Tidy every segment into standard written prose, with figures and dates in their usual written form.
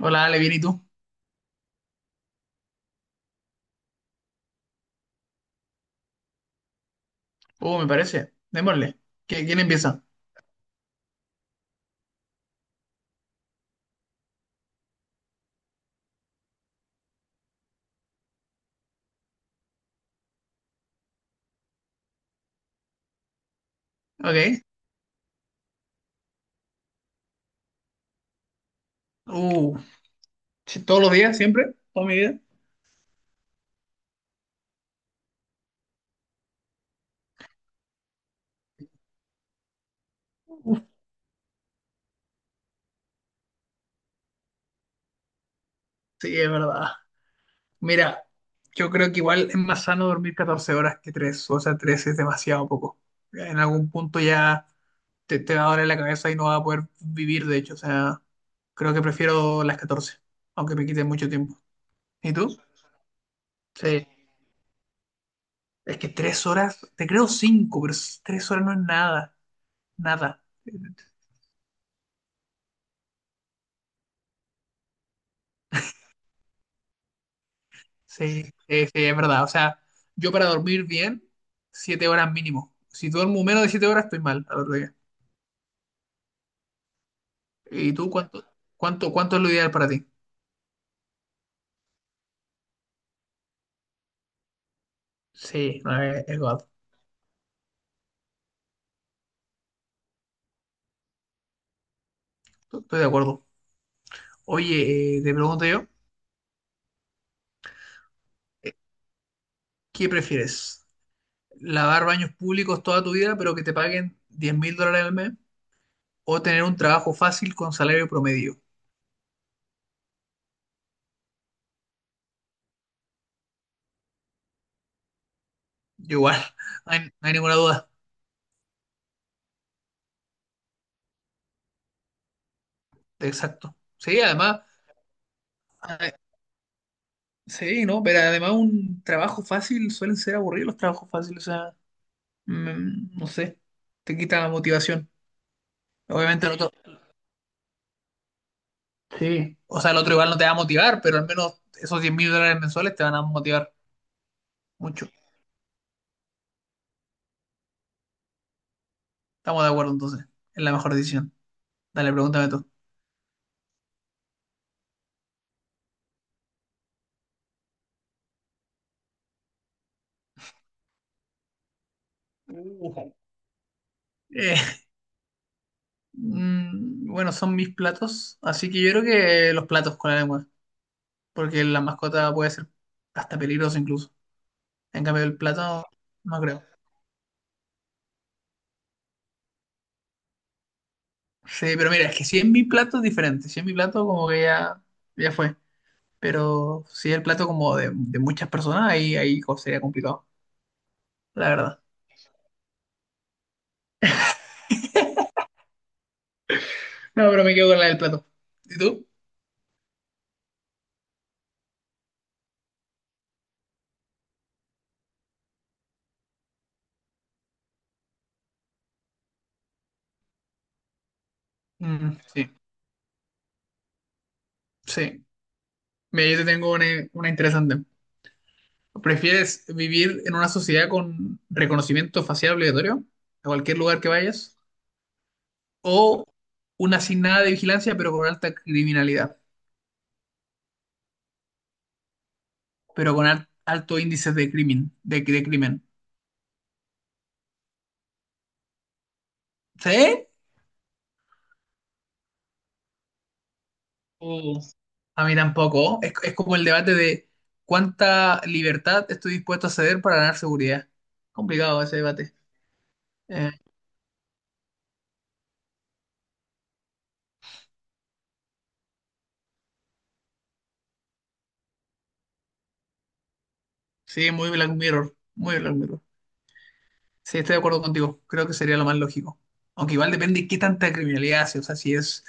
Hola, Ale, bien, ¿y tú? Me parece. Démosle. ¿Quién empieza? Ok. Uh, sí, todos los días, siempre, toda mi vida. Uf, sí, es verdad. Mira, yo creo que igual es más sano dormir 14 horas que 3. O sea, 3 es demasiado poco. En algún punto ya te va a doler la cabeza y no vas a poder vivir, de hecho. O sea, creo que prefiero las 14, aunque me quite mucho tiempo. ¿Y tú? Sí. Es que 3 horas, te creo 5, pero 3 horas no es nada. Nada. Sí, sí, sí, es verdad. O sea, yo para dormir bien, 7 horas mínimo. Si duermo menos de 7 horas, estoy mal al otro día. ¿Y tú cuánto es lo ideal para ti? Sí, no, es God. Estoy de acuerdo. Oye, te pregunto yo, ¿qué prefieres? ¿Lavar baños públicos toda tu vida, pero que te paguen 10.000 dólares al mes? ¿O tener un trabajo fácil con salario promedio? Yo igual, no hay ninguna duda. Exacto. Sí, además, sí, no, pero además un trabajo fácil suelen ser aburridos los trabajos fáciles, o sea, no sé, te quita la motivación. Obviamente el otro, sí, o sea, el otro igual no te va a motivar, pero al menos esos 10.000 dólares mensuales te van a motivar mucho. Estamos de acuerdo entonces, es la mejor decisión. Dale, pregúntame tú. Ujú. Eh, bueno, son mis platos, así que yo creo que los platos con la lengua, porque la mascota puede ser hasta peligroso incluso. En cambio, el plato no creo. Sí, pero mira, es que si es mi plato es diferente. Si es mi plato, como que ya, ya fue. Pero si es el plato como de muchas personas, ahí sería complicado, la verdad. No, pero me quedo con la del plato. ¿Y tú? Mm, sí, sí. Mira, yo te tengo una interesante. ¿Prefieres vivir en una sociedad con reconocimiento facial obligatorio a cualquier lugar que vayas? ¿O una sin nada de vigilancia, pero con alta criminalidad? Pero con alto índice de crimen, de crimen. ¿Sí? Sí. A mí tampoco. Es como el debate de cuánta libertad estoy dispuesto a ceder para ganar seguridad. Complicado ese debate. Eh, sí, muy Black Mirror. Muy Black Mirror. Sí, estoy de acuerdo contigo. Creo que sería lo más lógico. Aunque igual depende qué tanta criminalidad hace. O sea, si es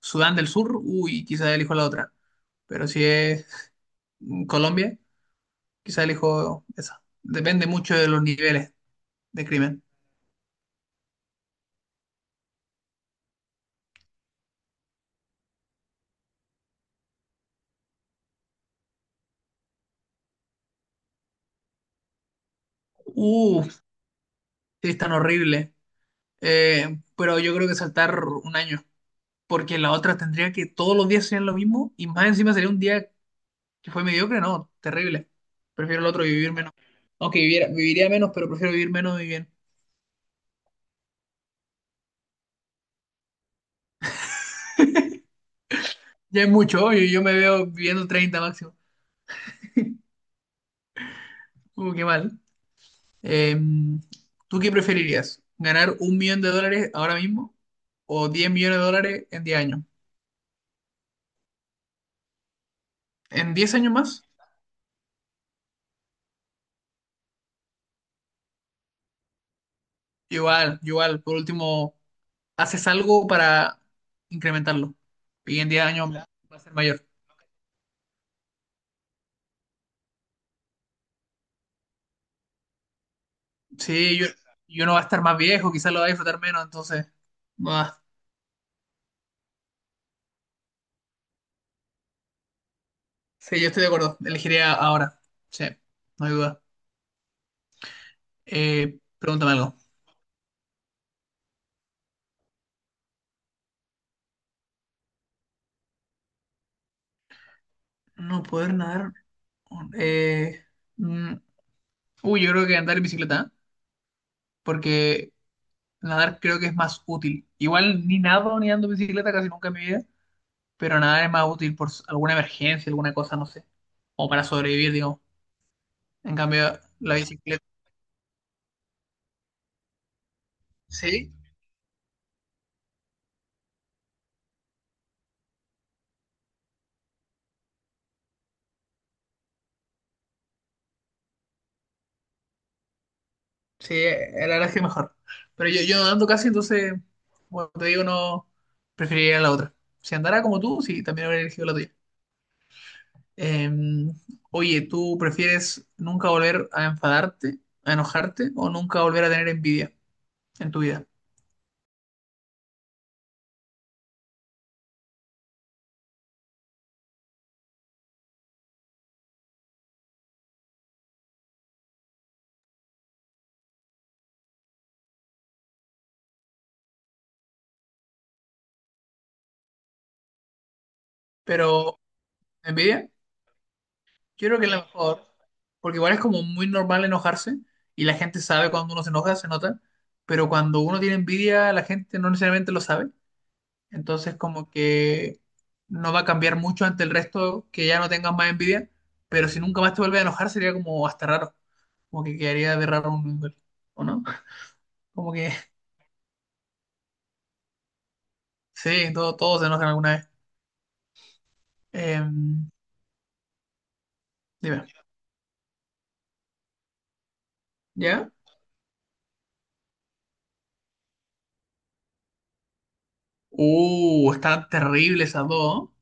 Sudán del Sur, uy, quizá elijo la otra. Pero si es Colombia, quizá elijo esa. Depende mucho de los niveles de crimen. Uh, sí, es tan horrible. Pero yo creo que saltar un año. Porque la otra tendría que todos los días serían lo mismo y más encima sería un día que fue mediocre, no, terrible. Prefiero el otro vivir menos. Aunque viviera, viviría menos, pero prefiero vivir menos y bien. Ya es mucho, yo me veo viviendo 30 máximo. Qué mal. Eh, ¿tú qué preferirías? ¿Ganar 1 millón de dólares ahora mismo o 10 millones de dólares en 10 años? ¿En 10 años más? Igual, igual. Por último, haces algo para incrementarlo. Y en 10 años va a ser mayor. Sí, yo, y uno va a estar más viejo, quizás lo va a disfrutar menos, entonces. Bah, sí, yo estoy de acuerdo. Elegiría ahora. Sí, no hay duda. Pregúntame algo. No poder nadar. Eh, mm, uy, yo creo que andar en bicicleta, ¿eh? Porque nadar creo que es más útil. Igual ni nado ni ando en bicicleta casi nunca en mi vida, pero nadar es más útil por alguna emergencia, alguna cosa, no sé. O para sobrevivir, digamos. En cambio, la bicicleta. Sí, sí, la verdad es que mejor. Pero yo no ando casi, entonces, bueno, te digo, no preferiría la otra. Si andara como tú, sí, también habría elegido la tuya. Eh, oye, ¿tú prefieres nunca volver a enfadarte, a enojarte o nunca volver a tener envidia en tu vida? Pero, ¿envidia? Yo creo que es la mejor, porque igual es como muy normal enojarse y la gente sabe cuando uno se enoja, se nota, pero cuando uno tiene envidia, la gente no necesariamente lo sabe. Entonces, como que no va a cambiar mucho ante el resto que ya no tengas más envidia, pero si nunca más te vuelve a enojar sería como hasta raro, como que quedaría de raro un nivel, ¿o no? Como que sí, todo, todos se enojan alguna vez. Eh, dime, ¿ya? Están terribles esas dos, ¿no?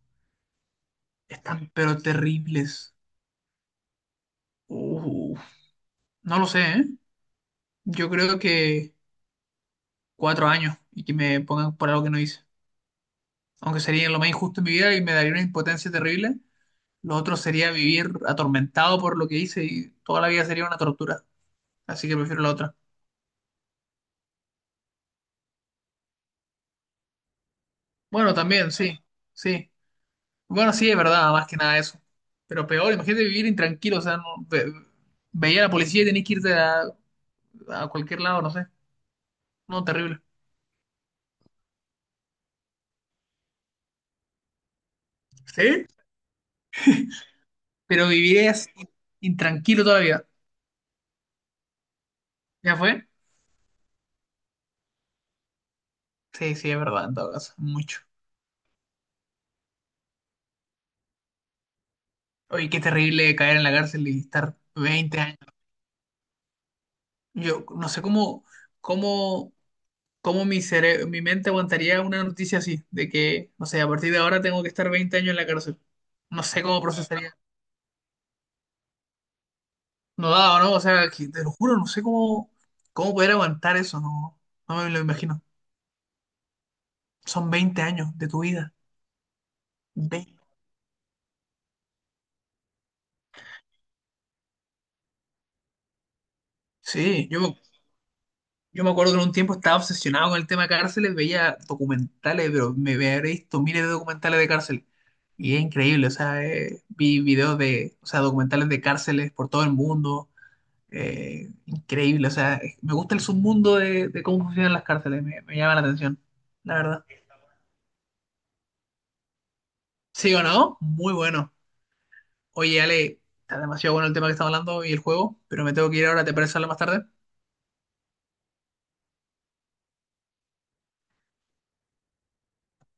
Están pero terribles. Uh, no lo sé, ¿eh? Yo creo que 4 años y que me pongan por algo que no hice. Aunque sería lo más injusto en mi vida y me daría una impotencia terrible. Lo otro sería vivir atormentado por lo que hice y toda la vida sería una tortura. Así que prefiero la otra. Bueno, también, sí, sí. Bueno, sí, es verdad, más que nada eso. Pero peor, imagínate vivir intranquilo, o sea, no, veía a la policía y tenías que irte a cualquier lado, no sé. No, terrible. ¿Sí? Pero vivirías intranquilo toda la vida. ¿Ya fue? Sí, sí, es verdad, en todo caso, mucho. Oye, qué terrible caer en la cárcel y estar 20 años. Yo no sé cómo. ¿Cómo mi mi mente aguantaría una noticia así? De que, no sé, a partir de ahora tengo que estar 20 años en la cárcel. No sé cómo procesaría. No da, ¿no? O sea, te lo juro, no sé cómo poder aguantar eso. No, no me lo imagino. Son 20 años de tu vida. 20. Sí, yo me acuerdo que en un tiempo estaba obsesionado con el tema cárceles, veía documentales, pero me habré visto miles de documentales de cárcel. Y es increíble, o sea, vi videos de, o sea, documentales de cárceles por todo el mundo, increíble. O sea, me gusta el submundo de, cómo funcionan las cárceles, me llama la atención, la verdad. ¿Sí o no? Muy bueno. Oye, Ale, está demasiado bueno el tema que estamos hablando y el juego, pero me tengo que ir ahora, ¿te parece hablar más tarde?